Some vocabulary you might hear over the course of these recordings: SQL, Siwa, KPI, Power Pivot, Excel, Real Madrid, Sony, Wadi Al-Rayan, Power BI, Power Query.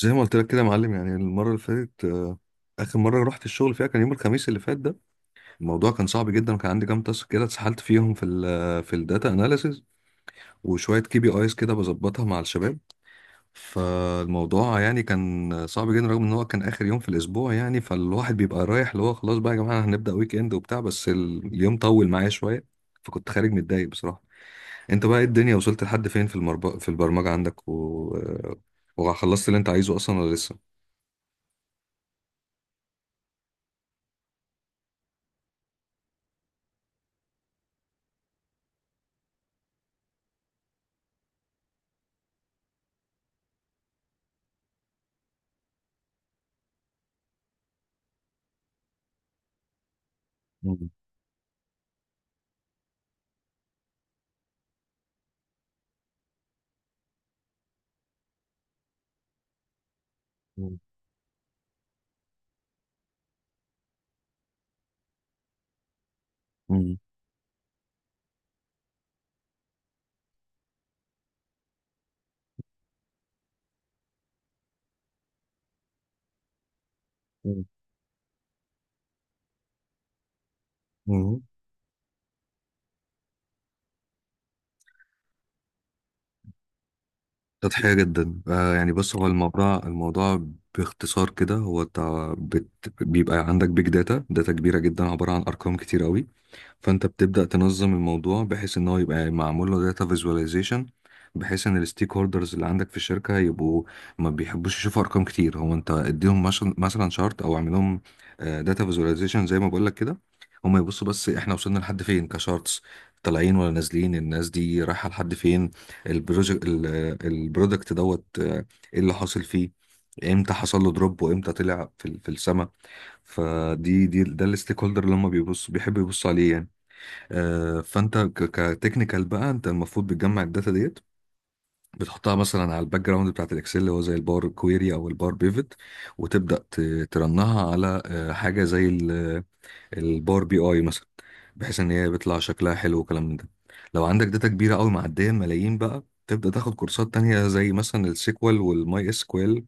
زي ما قلت لك كده يا معلم، يعني المرة اللي فاتت آخر مرة رحت الشغل فيها كان يوم الخميس اللي فات ده. الموضوع كان صعب جدا، وكان عندي كام تاسك كده اتسحلت فيهم في الداتا اناليسز، وشوية كي بي ايز كده بظبطها مع الشباب. فالموضوع يعني كان صعب جدا، رغم ان هو كان آخر يوم في الأسبوع، يعني فالواحد بيبقى رايح اللي هو خلاص بقى يا جماعة هنبدأ ويك اند وبتاع، بس اليوم طول معايا شوية. فكنت خارج متضايق بصراحة. انت بقى ايه، الدنيا وصلت لحد فين في البرمجة عندك و... آه، وخلصت اللي انت عايزه اصلا ولا لسه؟ مم. مم. مم. مم. سطحية جدا، يعني بص، هو الموضوع، باختصار كده، هو انت بيبقى عندك بيج داتا، داتا كبيرة جدا عبارة عن أرقام كتير قوي، فانت بتبدأ تنظم الموضوع بحيث ان هو يبقى معمول له داتا فيزواليزيشن، بحيث ان الستيك هولدرز اللي عندك في الشركة يبقوا، ما بيحبوش يشوفوا ارقام كتير، هو انت اديهم مثلا شارت، او اعمل لهم داتا فيزواليزيشن زي ما بقول لك كده. هم يبصوا بس احنا وصلنا لحد فين كشارتس، طالعين ولا نازلين، الناس دي رايحة لحد فين، البروجكت البرودكت دوت، ايه اللي حاصل فيه، امتى حصل له دروب وامتى طلع في السما. فدي دي ده الستيك هولدر اللي هم بيحبوا يبصوا عليه يعني. فانت كتكنيكال بقى، انت المفروض بتجمع الداتا ديت، بتحطها مثلا على الباك جراوند بتاعت الاكسل، اللي هو زي الباور كويري او الباور بيفت، وتبدا ترنها على حاجه زي الباور بي اي مثلا، بحيث ان هي بيطلع شكلها حلو وكلام من ده. لو عندك داتا كبيره قوي معديه ملايين، بقى تبدا تاخد كورسات تانية زي مثلا السيكوال والماي اس كوال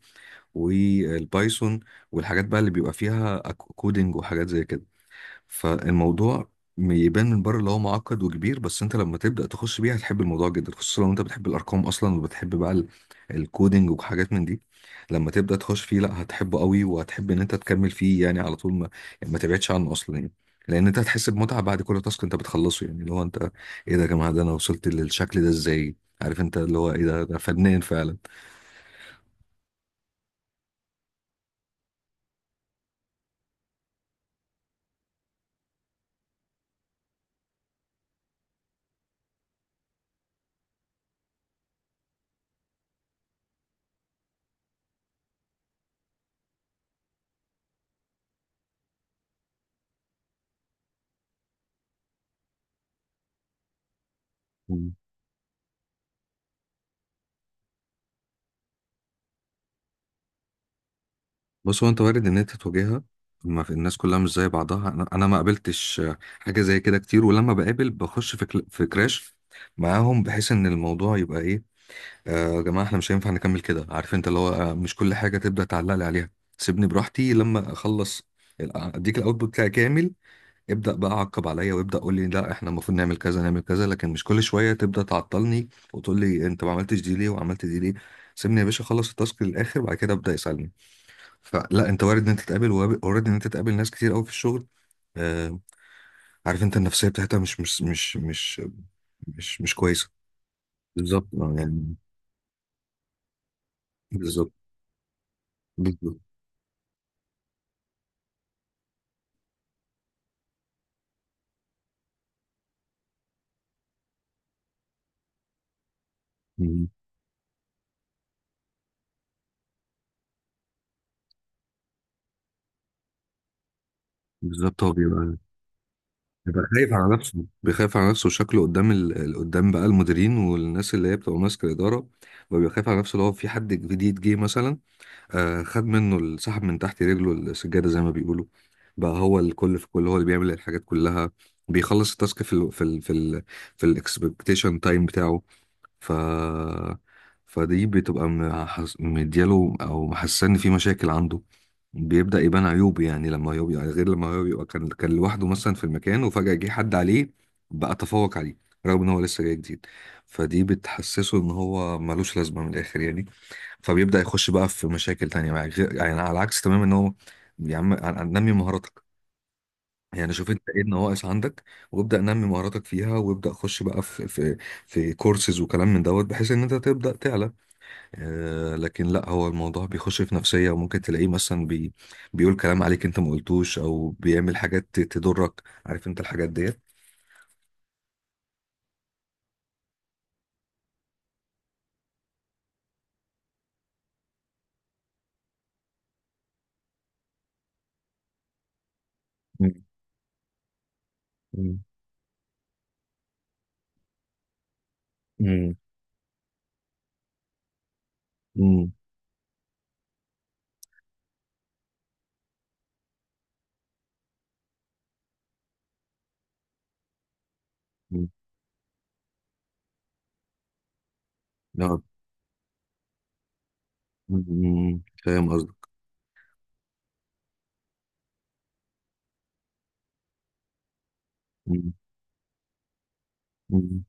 والبايثون، والحاجات بقى اللي بيبقى فيها كودنج وحاجات زي كده. فالموضوع يبان من بره اللي هو معقد وكبير، بس انت لما تبدأ تخش بيه هتحب الموضوع جدا، خصوصا لو انت بتحب الارقام اصلا، وبتحب بقى الكودينج وحاجات من دي. لما تبدأ تخش فيه، لا، هتحبه قوي، وهتحب ان انت تكمل فيه يعني على طول، ما يعني ما تبعدش عنه اصلا يعني. لان انت هتحس بمتعة بعد كل تاسك انت بتخلصه، يعني اللي هو انت، ايه ده يا جماعة، ده انا وصلت للشكل ده ازاي، عارف انت اللي هو ايه ده فنان فعلا. بص، هو انت وارد ان انت تواجهها، ما في الناس كلها مش زي بعضها. انا ما قابلتش حاجه زي كده كتير، ولما بقابل بخش في كراش معاهم، بحيث ان الموضوع يبقى ايه، يا جماعه احنا مش هينفع نكمل كده، عارف انت اللي هو، مش كل حاجه تبدا تعلق لي عليها، سيبني براحتي لما اخلص اديك الاوتبوت بتاعي كامل، ابدا بقى عقب عليا، وابدا قول لي لا احنا المفروض نعمل كذا، نعمل كذا، لكن مش كل شويه تبدا تعطلني وتقول لي انت ما عملتش دي ليه وعملت دي ليه. سيبني يا باشا اخلص التاسك للاخر، وبعد كده ابدا يسالني. فلا، انت وارد ان انت تقابل، ناس كتير قوي في الشغل. آه، عارف انت النفسيه بتاعتها مش كويسه. بالظبط، اه يعني. بالظبط. بالظبط. مم. بالظبط، هو بيبقى خايف على نفسه، بيخاف على نفسه، شكله قدام قدام بقى المديرين والناس اللي هي بتبقى ماسكه الاداره، وبيبقى خايف على نفسه لو في حد جديد جه مثلا، خد منه سحب من تحت رجله السجادة زي ما بيقولوا، بقى هو الكل في كل، هو اللي بيعمل الحاجات كلها، بيخلص التاسك في الاكسبكتيشن تايم بتاعه. ف فدي بتبقى مدياله، او محسسني في مشاكل عنده، بيبدأ يبان عيوب، يعني لما هو بيبقى غير لما هو بيبقى كان لوحده مثلا في المكان، وفجأة جه حد عليه، بقى تفوق عليه، رغم ان هو لسه جاي جديد. فدي بتحسسه ان هو ملوش لازمة من الاخر يعني، فبيبدأ يخش بقى في مشاكل تانية، بقى يعني على العكس تماما ان هو، يا عم، نمي مهاراتك، يعني شوف انت ايه النواقص عندك، وابدأ نمي مهاراتك فيها، وابدأ خش بقى في كورسز وكلام من دوت، بحيث ان انت تبدأ تعلى. لكن لا، هو الموضوع بيخش في نفسية، وممكن تلاقيه مثلا بيقول كلام عليك انت ما قلتوش، او بيعمل حاجات تضرك، عارف انت الحاجات ديت. مم. مم. مم. مم. مم. آه. مم. فاهم قصدك. مم. مم.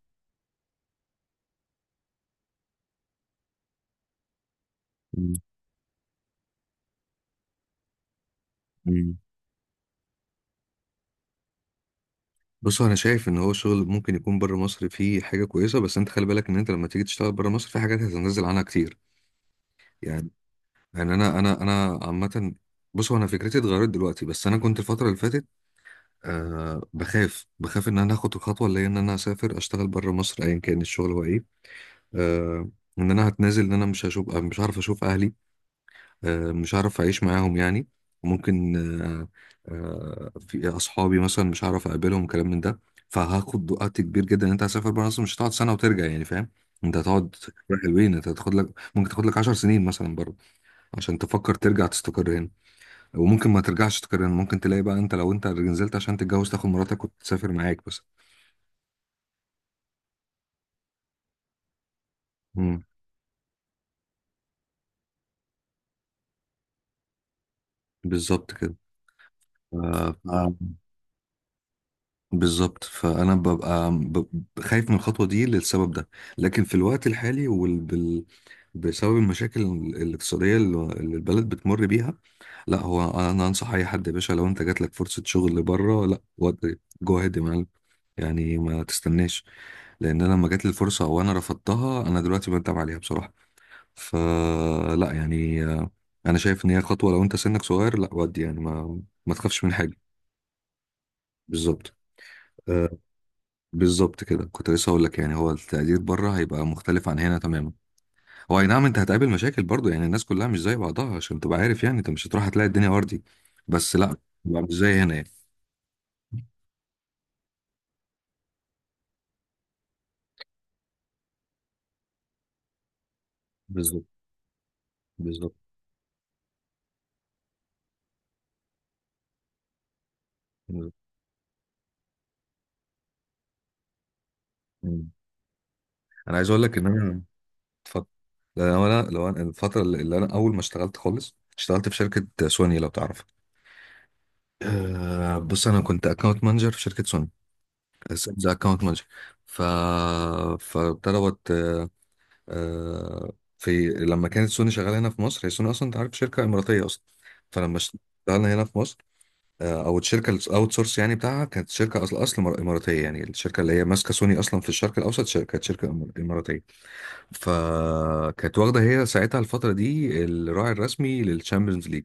مم. بص، انا شايف ان هو شغل ممكن يكون بره مصر فيه حاجه كويسه، بس انت خلي بالك ان انت لما تيجي تشتغل بره مصر في حاجات هتنزل عنها كتير، يعني، يعني انا عامه، بص هو انا فكرتي اتغيرت دلوقتي، بس انا كنت الفتره اللي فاتت بخاف ان انا اخد الخطوه اللي هي ان انا اسافر اشتغل بره مصر ايا كان الشغل هو ايه، آه ان انا هتنازل، ان انا مش هعرف اشوف اهلي، مش عارف اعيش معاهم يعني، وممكن، آه، في اصحابي مثلا مش عارف اقابلهم، كلام من ده، فهاخد وقت كبير جدا، ان انت هتسافر بره اصلا مش هتقعد سنه وترجع يعني، فاهم، انت هتقعد حلوين، انت هتاخد لك، ممكن تاخد لك 10 سنين مثلا بره عشان تفكر ترجع تستقر هنا، وممكن ما ترجعش تستقر هنا، ممكن تلاقي بقى انت، لو انت نزلت عشان تتجوز، تاخد مراتك وتسافر معاك بس. امم. بالظبط كده. ف... بالظبط، فانا ببقى خايف من الخطوه دي للسبب ده، لكن في الوقت الحالي بسبب المشاكل الاقتصاديه اللي البلد بتمر بيها، لا، هو انا انصح اي حد يا باشا، لو انت جات لك فرصه شغل بره، لا ودي جو هيد يا معلم، يعني ما تستناش، لان انا لما جات لي الفرصه وانا رفضتها، انا دلوقتي بندم عليها بصراحه. فلا يعني، انا شايف ان هي خطوه، لو انت سنك صغير، لا ودي، يعني ما تخافش من حاجه. بالظبط. بالظبط كده، كنت لسه هقول لك، يعني هو التقدير بره هيبقى مختلف عن هنا تماما، هو اي نعم انت هتقابل مشاكل برضو، يعني الناس كلها مش زي بعضها عشان تبقى عارف، يعني انت مش هتروح هتلاقي الدنيا وردي، بس لا، بقى مش زي هنا يعني. بالظبط. بالظبط. بالظبط. مم. انا عايز اقول لك ان انا، اتفضل. لو انا الفتره اللي انا اول ما اشتغلت خالص، اشتغلت في شركه سوني، لو تعرف، أه. بص، انا كنت اكونت مانجر في شركه سوني، سيلز اكونت مانجر. ف فابتدى، آه، في لما كانت سوني شغاله هنا في مصر، هي سوني اصلا انت عارف شركه اماراتيه اصلا، فلما اشتغلنا هنا في مصر، او الشركه الاوت سورس يعني بتاعها، كانت شركه اصل اماراتيه، يعني الشركه اللي هي ماسكه سوني اصلا في الشرق الاوسط، كانت شركه اماراتيه، فكانت واخده هي ساعتها الفتره دي الراعي الرسمي للشامبيونز ليج.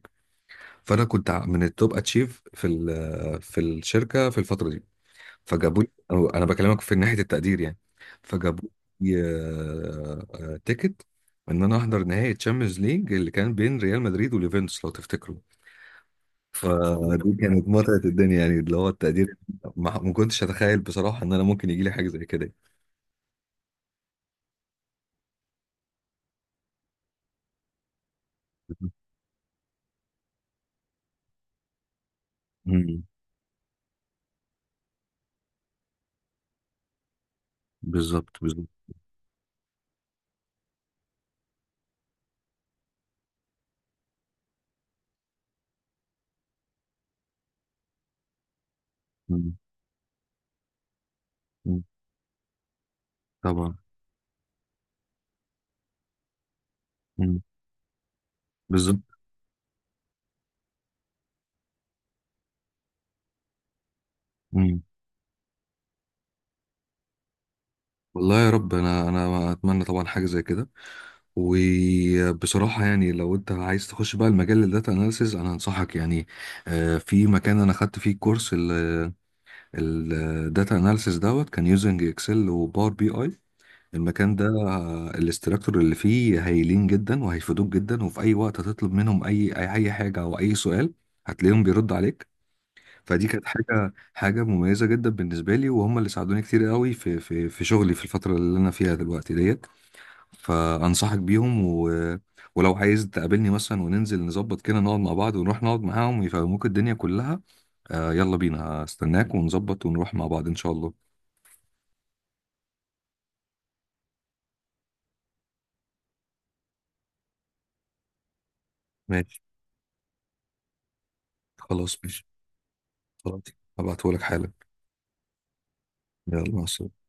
فانا كنت من التوب اتشيف في الشركه في الفتره دي، فجابوا لي، أو انا بكلمك في ناحيه التقدير يعني، فجابوا لي تيكت ان انا احضر نهائي تشامبيونز ليج، اللي كان بين ريال مدريد واليوفنتوس لو تفتكروا. فدي كانت متعه الدنيا، يعني اللي هو التقدير، ما كنتش اتخيل بصراحه ان انا ممكن يجي لي حاجه زي كده. مم. بالظبط. بالظبط. مم. مم. طبعا. مم. بالظبط. والله يا رب، انا اتمنى طبعا حاجه زي كده. وبصراحه يعني، لو انت عايز تخش بقى المجال الداتا اناليسز، انا انصحك يعني، في مكان انا خدت فيه كورس الداتا اناليسز دوت، كان يوزنج اكسل وباور بي اي. المكان ده، الاستراكتور اللي فيه هايلين جدا وهيفيدوك جدا، وفي اي وقت هتطلب منهم اي اي أي حاجه او اي سؤال، هتلاقيهم بيرد عليك. فدي كانت حاجة مميزة جدا بالنسبة لي، وهم اللي ساعدوني كتير قوي في شغلي في الفترة اللي أنا فيها دلوقتي ديت. فأنصحك بيهم ولو عايز تقابلني مثلا وننزل نظبط كده، نقعد مع بعض ونروح نقعد معاهم يفهموك الدنيا كلها. يلا بينا، هستناك ونظبط ونروح مع بعض إن شاء الله. ماشي. خلاص، ماشي. خلاص. هبعتهولك حالا. يلا مع السلامة.